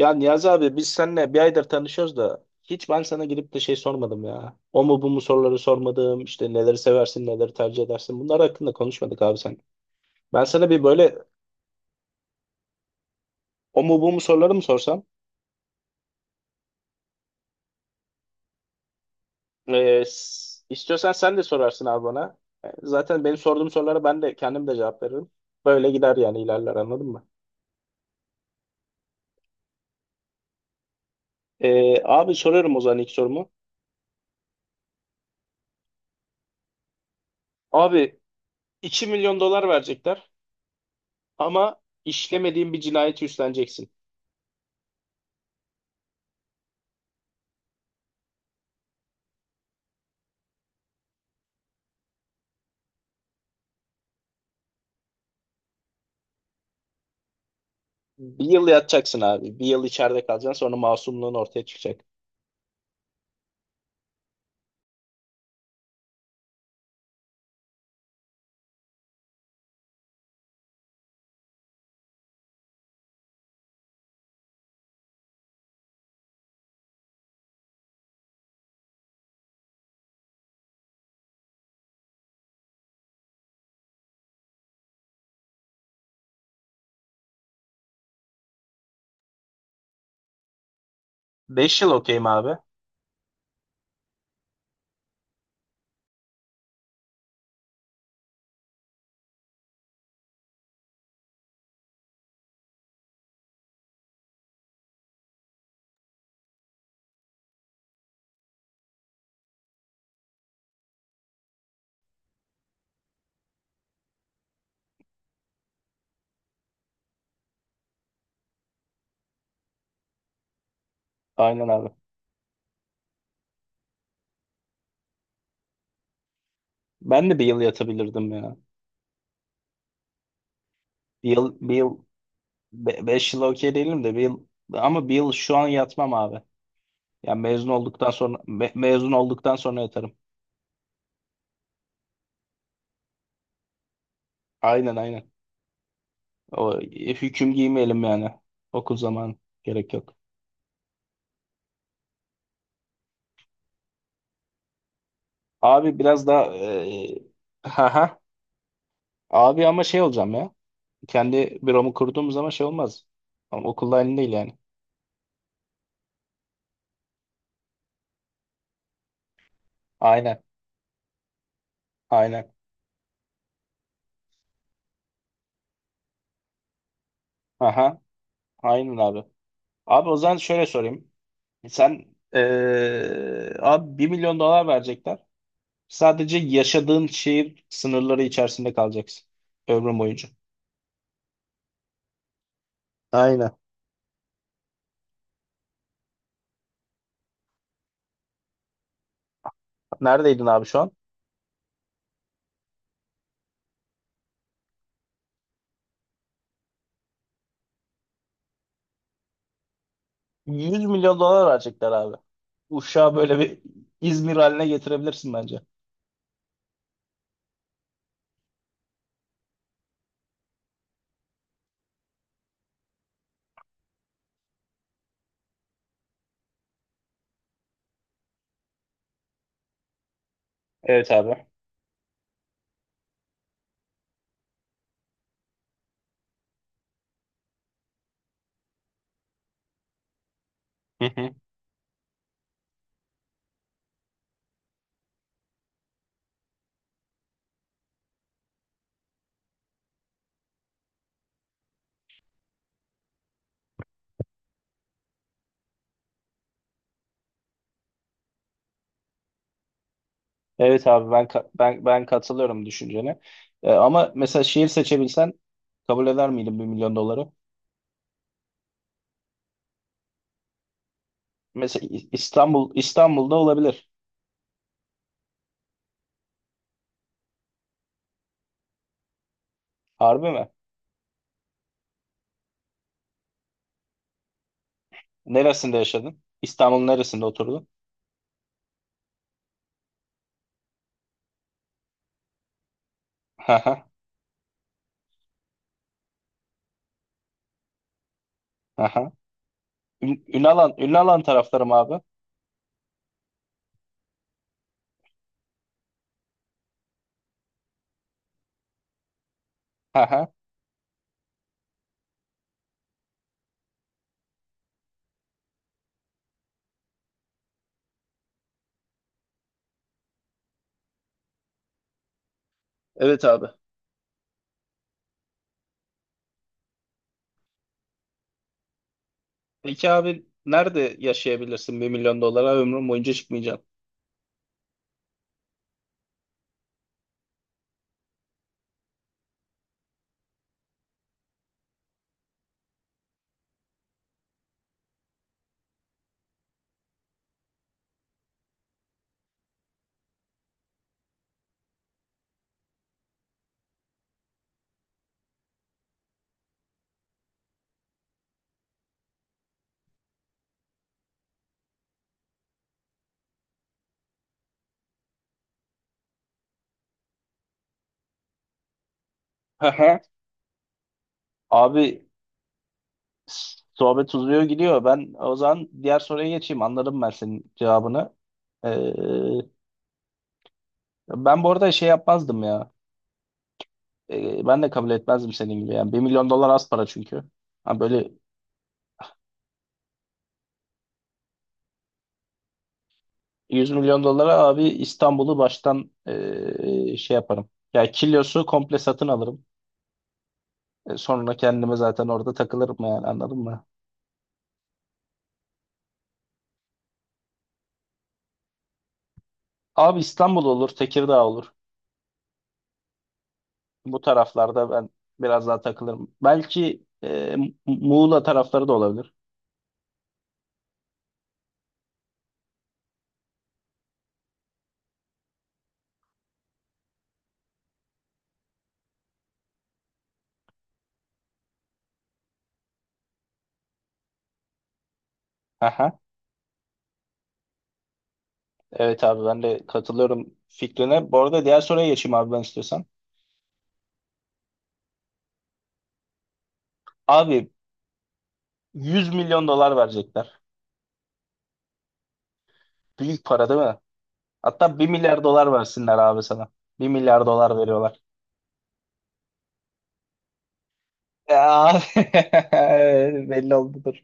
Ya Niyazi abi biz seninle bir aydır tanışıyoruz da hiç ben sana gidip de şey sormadım ya. O mu bu mu soruları sormadım. İşte neleri seversin, neleri tercih edersin. Bunlar hakkında konuşmadık abi sen. Ben sana bir böyle o mu bu mu soruları mı sorsam? İstiyorsan sen de sorarsın abi bana. Zaten benim sorduğum sorulara ben de kendim de cevap veririm. Böyle gider yani ilerler anladın mı? Abi soruyorum o zaman ilk sorumu. Abi 2 milyon dolar verecekler ama işlemediğin bir cinayeti üstleneceksin. Bir yıl yatacaksın abi. Bir yıl içeride kalacaksın sonra masumluğun ortaya çıkacak. 5 yıl okeyim abi. Aynen abi. Ben de bir yıl yatabilirdim ya. Bir yıl, bir yıl, beş yıl okey değilim de bir yıl ama bir yıl şu an yatmam abi. Yani mezun olduktan sonra yatarım. Aynen aynen. O hüküm giymeyelim yani. Okul zamanı gerek yok. Abi biraz daha haha. Abi ama şey olacağım ya. Kendi büromu kurduğum zaman şey olmaz. Ama okulda aynı değil yani. Aynen. Aynen. Aha. Aynen abi. Abi o zaman şöyle sorayım. Sen abi 1 milyon dolar verecekler. Sadece yaşadığın şehir sınırları içerisinde kalacaksın. Ömrün boyunca. Aynen. Neredeydin abi şu an? 100 milyon dolar verecekler abi. Uşağı böyle bir İzmir haline getirebilirsin bence. Evet abi. Hı hı. Evet abi ben ka- ben ben katılıyorum düşüncene. Ama mesela şehir seçebilsen kabul eder miydin 1 milyon doları? Mesela İstanbul'da olabilir. Harbi mi? Neresinde yaşadın? İstanbul'un neresinde oturdun? Haha. Haha. Ünalan taraflarım abi. Haha. Evet abi. Peki abi nerede yaşayabilirsin 1 milyon dolara ömrün boyunca çıkmayacaksın? Haha. Abi sohbet uzuyor gidiyor. Ben o zaman diğer soruya geçeyim. Anladım ben senin cevabını. Ee, Ben bu arada şey yapmazdım ya. Ben de kabul etmezdim senin gibi. Yani 1 milyon dolar az para çünkü. Ha böyle 100 milyon dolara abi İstanbul'u baştan şey yaparım. Ya kilosu komple satın alırım. Sonra kendime zaten orada takılırım yani anladın mı? Abi İstanbul olur, Tekirdağ olur. Bu taraflarda ben biraz daha takılırım. Belki Muğla tarafları da olabilir. Aha. Evet abi ben de katılıyorum fikrine. Bu arada diğer soruya geçeyim abi ben istiyorsan. Abi 100 milyon dolar verecekler. Büyük para değil mi? Hatta 1 milyar dolar versinler abi sana. 1 milyar dolar veriyorlar. Ya belli oldudur.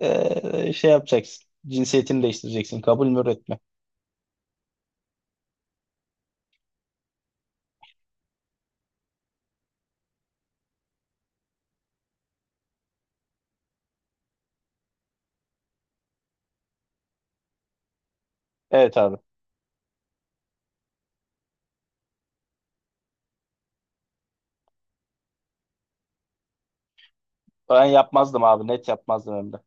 Şey yapacaksın. Cinsiyetini değiştireceksin. Kabul mü üretme. Evet abi. Ben yapmazdım abi. Net yapmazdım hem de.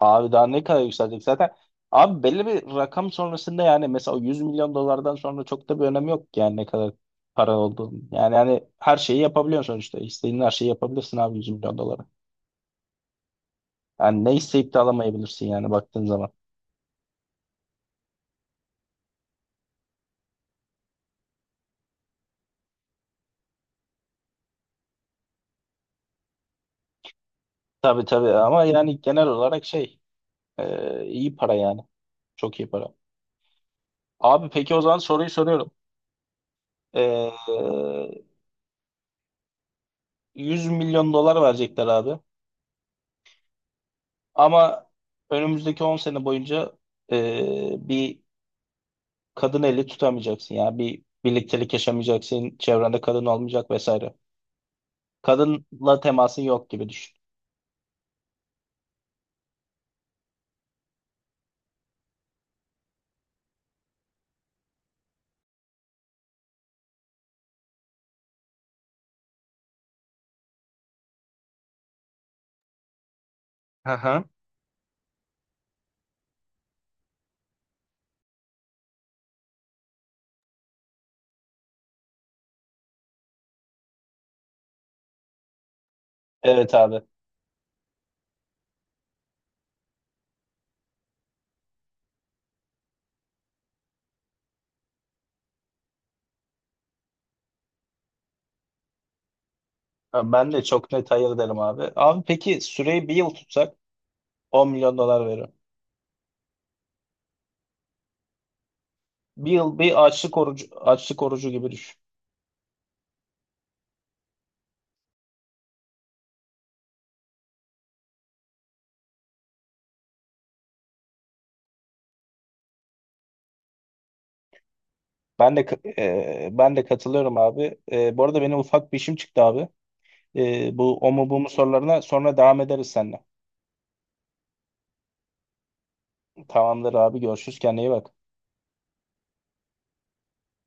Abi daha ne kadar yükselecek zaten. Abi belli bir rakam sonrasında yani mesela o 100 milyon dolardan sonra çok da bir önemi yok ki yani ne kadar para olduğunun. Yani hani her şeyi yapabiliyorsun sonuçta. İstediğin her şeyi yapabilirsin abi 100 milyon dolara. Yani ne isteyip de alamayabilirsin yani baktığın zaman. Tabii tabii ama yani genel olarak şey iyi para yani. Çok iyi para. Abi peki o zaman soruyu soruyorum. Ee, 100 milyon dolar verecekler abi. Ama önümüzdeki 10 sene boyunca bir kadın eli tutamayacaksın ya. Bir birliktelik yaşamayacaksın. Çevrende kadın olmayacak vesaire. Kadınla temasın yok gibi düşün. Hı hı. Evet abi. Ben de çok net hayır derim abi. Abi peki süreyi bir yıl tutsak 10 milyon dolar veririm. Bir yıl bir açlık orucu, açlık orucu gibi düşün. Ben de katılıyorum abi. Bu arada benim ufak bir işim çıktı abi. Bu o mu bu mu sorularına sonra devam ederiz seninle. Tamamdır abi görüşürüz kendine iyi bak.